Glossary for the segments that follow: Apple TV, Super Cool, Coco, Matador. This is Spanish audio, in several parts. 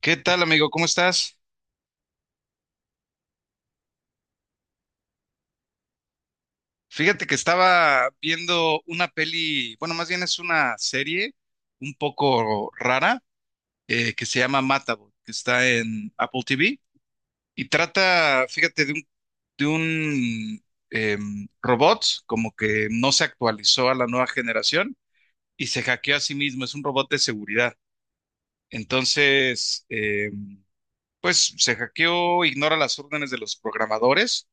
¿Qué tal, amigo? ¿Cómo estás? Fíjate que estaba viendo una peli, bueno, más bien es una serie un poco rara, que se llama Matador, que está en Apple TV y trata, fíjate, de un robot como que no se actualizó a la nueva generación y se hackeó a sí mismo, es un robot de seguridad. Entonces, pues se hackeó, ignora las órdenes de los programadores.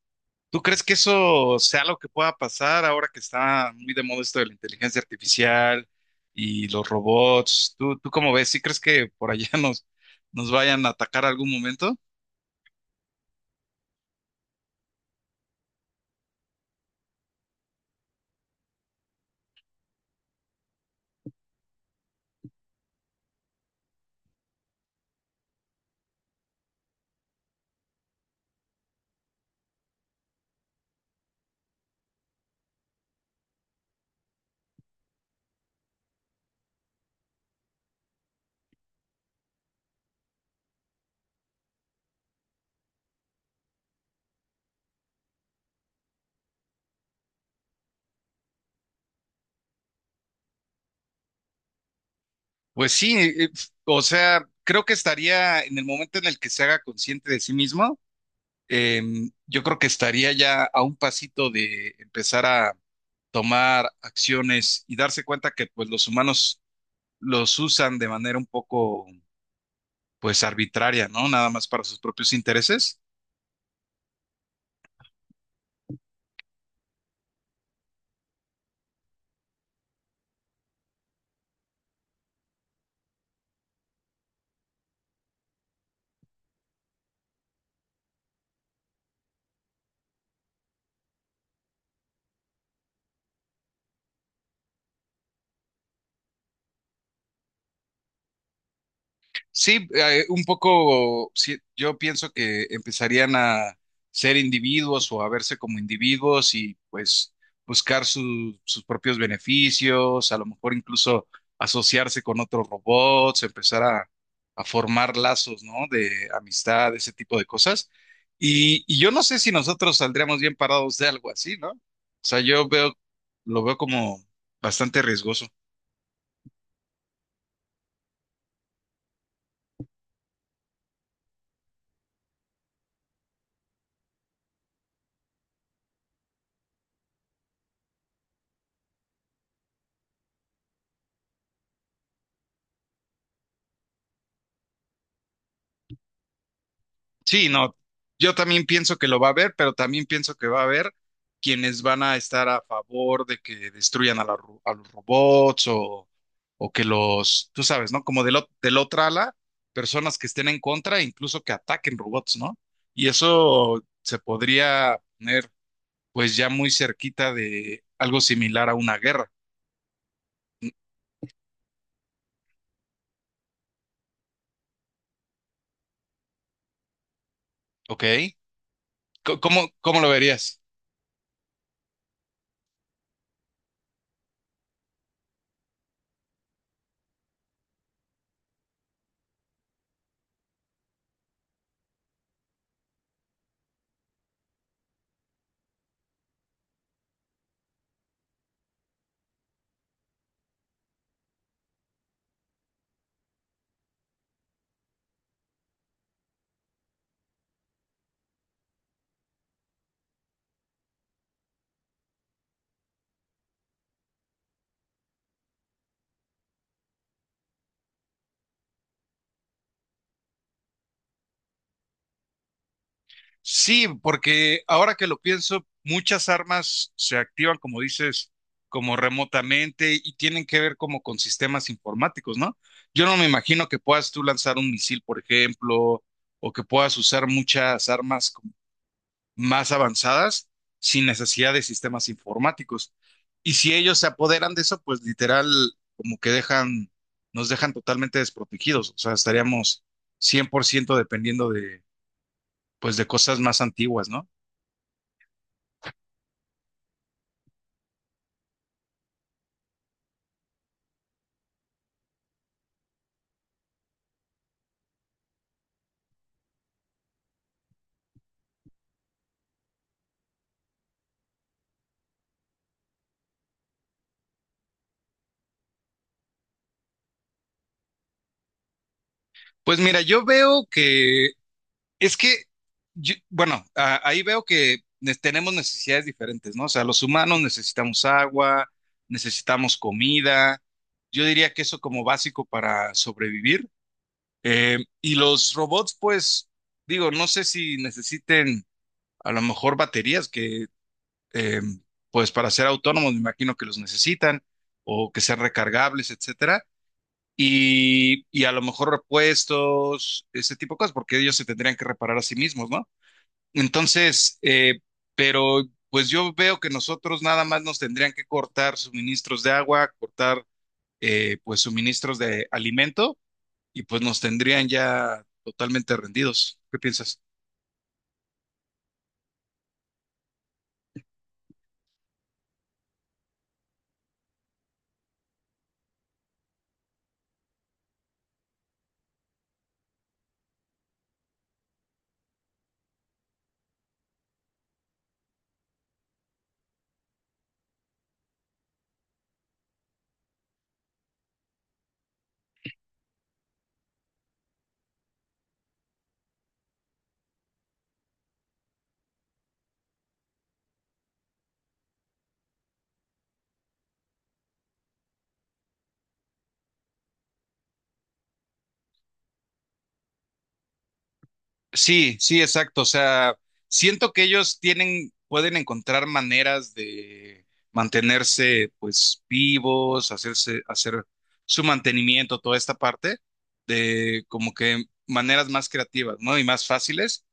¿Tú crees que eso sea lo que pueda pasar ahora que está muy de moda esto de la inteligencia artificial y los robots? ¿Tú cómo ves? ¿Sí crees que por allá nos vayan a atacar algún momento? Pues sí, o sea, creo que estaría en el momento en el que se haga consciente de sí mismo. Yo creo que estaría ya a un pasito de empezar a tomar acciones y darse cuenta que pues los humanos los usan de manera un poco pues arbitraria, ¿no? Nada más para sus propios intereses. Sí, un poco, sí, yo pienso que empezarían a ser individuos o a verse como individuos y pues buscar sus propios beneficios, a lo mejor incluso asociarse con otros robots, a formar lazos, ¿no? De amistad, ese tipo de cosas. Y yo no sé si nosotros saldríamos bien parados de algo así, ¿no? O sea, yo veo, lo veo como bastante riesgoso. Sí, no, yo también pienso que lo va a haber, pero también pienso que va a haber quienes van a estar a favor de que destruyan a, a los robots o que los, tú sabes, ¿no? Como del, del otra ala, personas que estén en contra, incluso que ataquen robots, ¿no? Y eso se podría poner pues ya muy cerquita de algo similar a una guerra, ¿ok? ¿Cómo lo verías? Sí, porque ahora que lo pienso, muchas armas se activan, como dices, como remotamente y tienen que ver como con sistemas informáticos, ¿no? Yo no me imagino que puedas tú lanzar un misil, por ejemplo, o que puedas usar muchas armas como más avanzadas sin necesidad de sistemas informáticos. Y si ellos se apoderan de eso, pues literal, como que dejan, nos dejan totalmente desprotegidos. O sea, estaríamos 100% dependiendo de, pues, de cosas más antiguas, ¿no? Pues mira, yo veo que es que, bueno, ahí veo que tenemos necesidades diferentes, ¿no? O sea, los humanos necesitamos agua, necesitamos comida, yo diría que eso como básico para sobrevivir. Y los robots, pues, digo, no sé si necesiten a lo mejor baterías que, eh, pues, para ser autónomos, me imagino que los necesitan, o que sean recargables, etcétera, y a lo mejor repuestos, ese tipo de cosas, porque ellos se tendrían que reparar a sí mismos, ¿no? Entonces, pero pues yo veo que nosotros nada más nos tendrían que cortar suministros de agua, cortar pues suministros de alimento y pues nos tendrían ya totalmente rendidos. ¿Qué piensas? Sí, sí, exacto. O sea, siento que ellos tienen, pueden encontrar maneras de mantenerse, pues, vivos, hacerse, hacer su mantenimiento, toda esta parte de como que maneras más creativas, ¿no? Y más fáciles,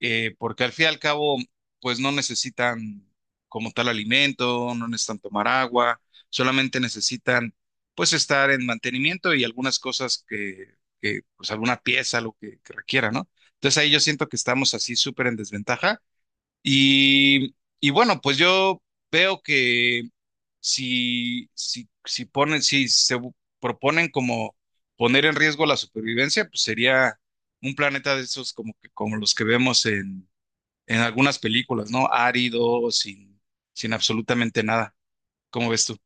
porque al fin y al cabo, pues no necesitan como tal alimento, no necesitan tomar agua, solamente necesitan pues estar en mantenimiento y algunas cosas pues alguna pieza, que requiera, ¿no? Entonces ahí yo siento que estamos así súper en desventaja y, y bueno, pues yo veo que si ponen, si se bu- proponen como poner en riesgo la supervivencia, pues sería un planeta de esos como que como los que vemos en algunas películas, ¿no? Árido, sin absolutamente nada. ¿Cómo ves tú?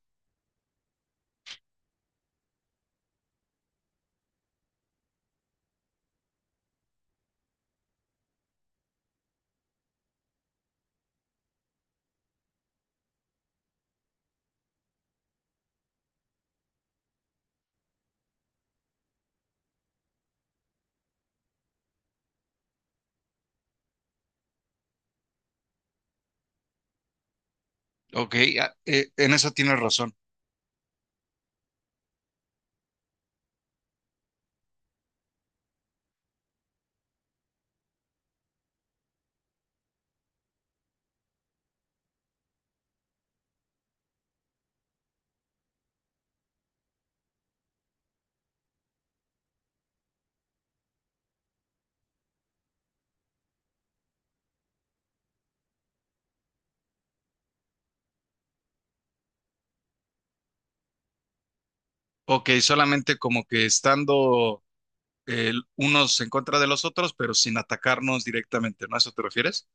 Ok, en eso tienes razón. Ok, solamente como que estando unos en contra de los otros, pero sin atacarnos directamente, ¿no? ¿A eso te refieres?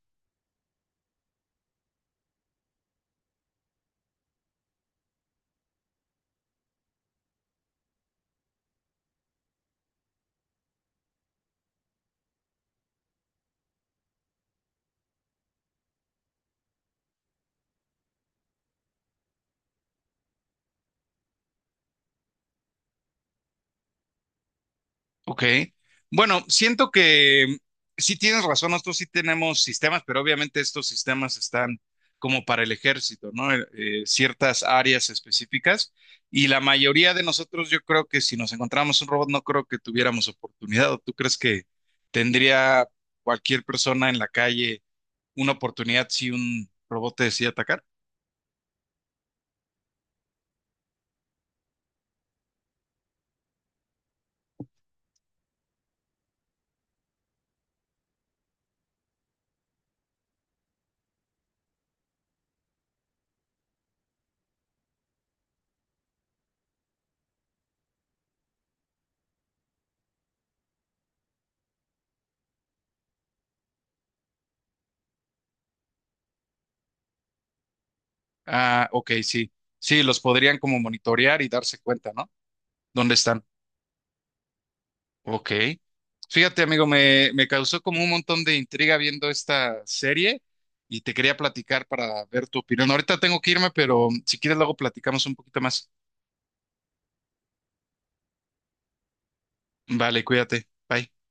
Ok. Bueno, siento que sí tienes razón, nosotros sí tenemos sistemas, pero obviamente estos sistemas están como para el ejército, ¿no? Ciertas áreas específicas. Y la mayoría de nosotros, yo creo que si nos encontramos un robot, no creo que tuviéramos oportunidad. ¿O tú crees que tendría cualquier persona en la calle una oportunidad si un robot te decide atacar? Ah, ok, sí. Sí, los podrían como monitorear y darse cuenta, ¿no? ¿Dónde están? Ok. Fíjate, amigo, me causó como un montón de intriga viendo esta serie y te quería platicar para ver tu opinión. Ahorita tengo que irme, pero si quieres luego platicamos un poquito más. Vale, cuídate. Bye.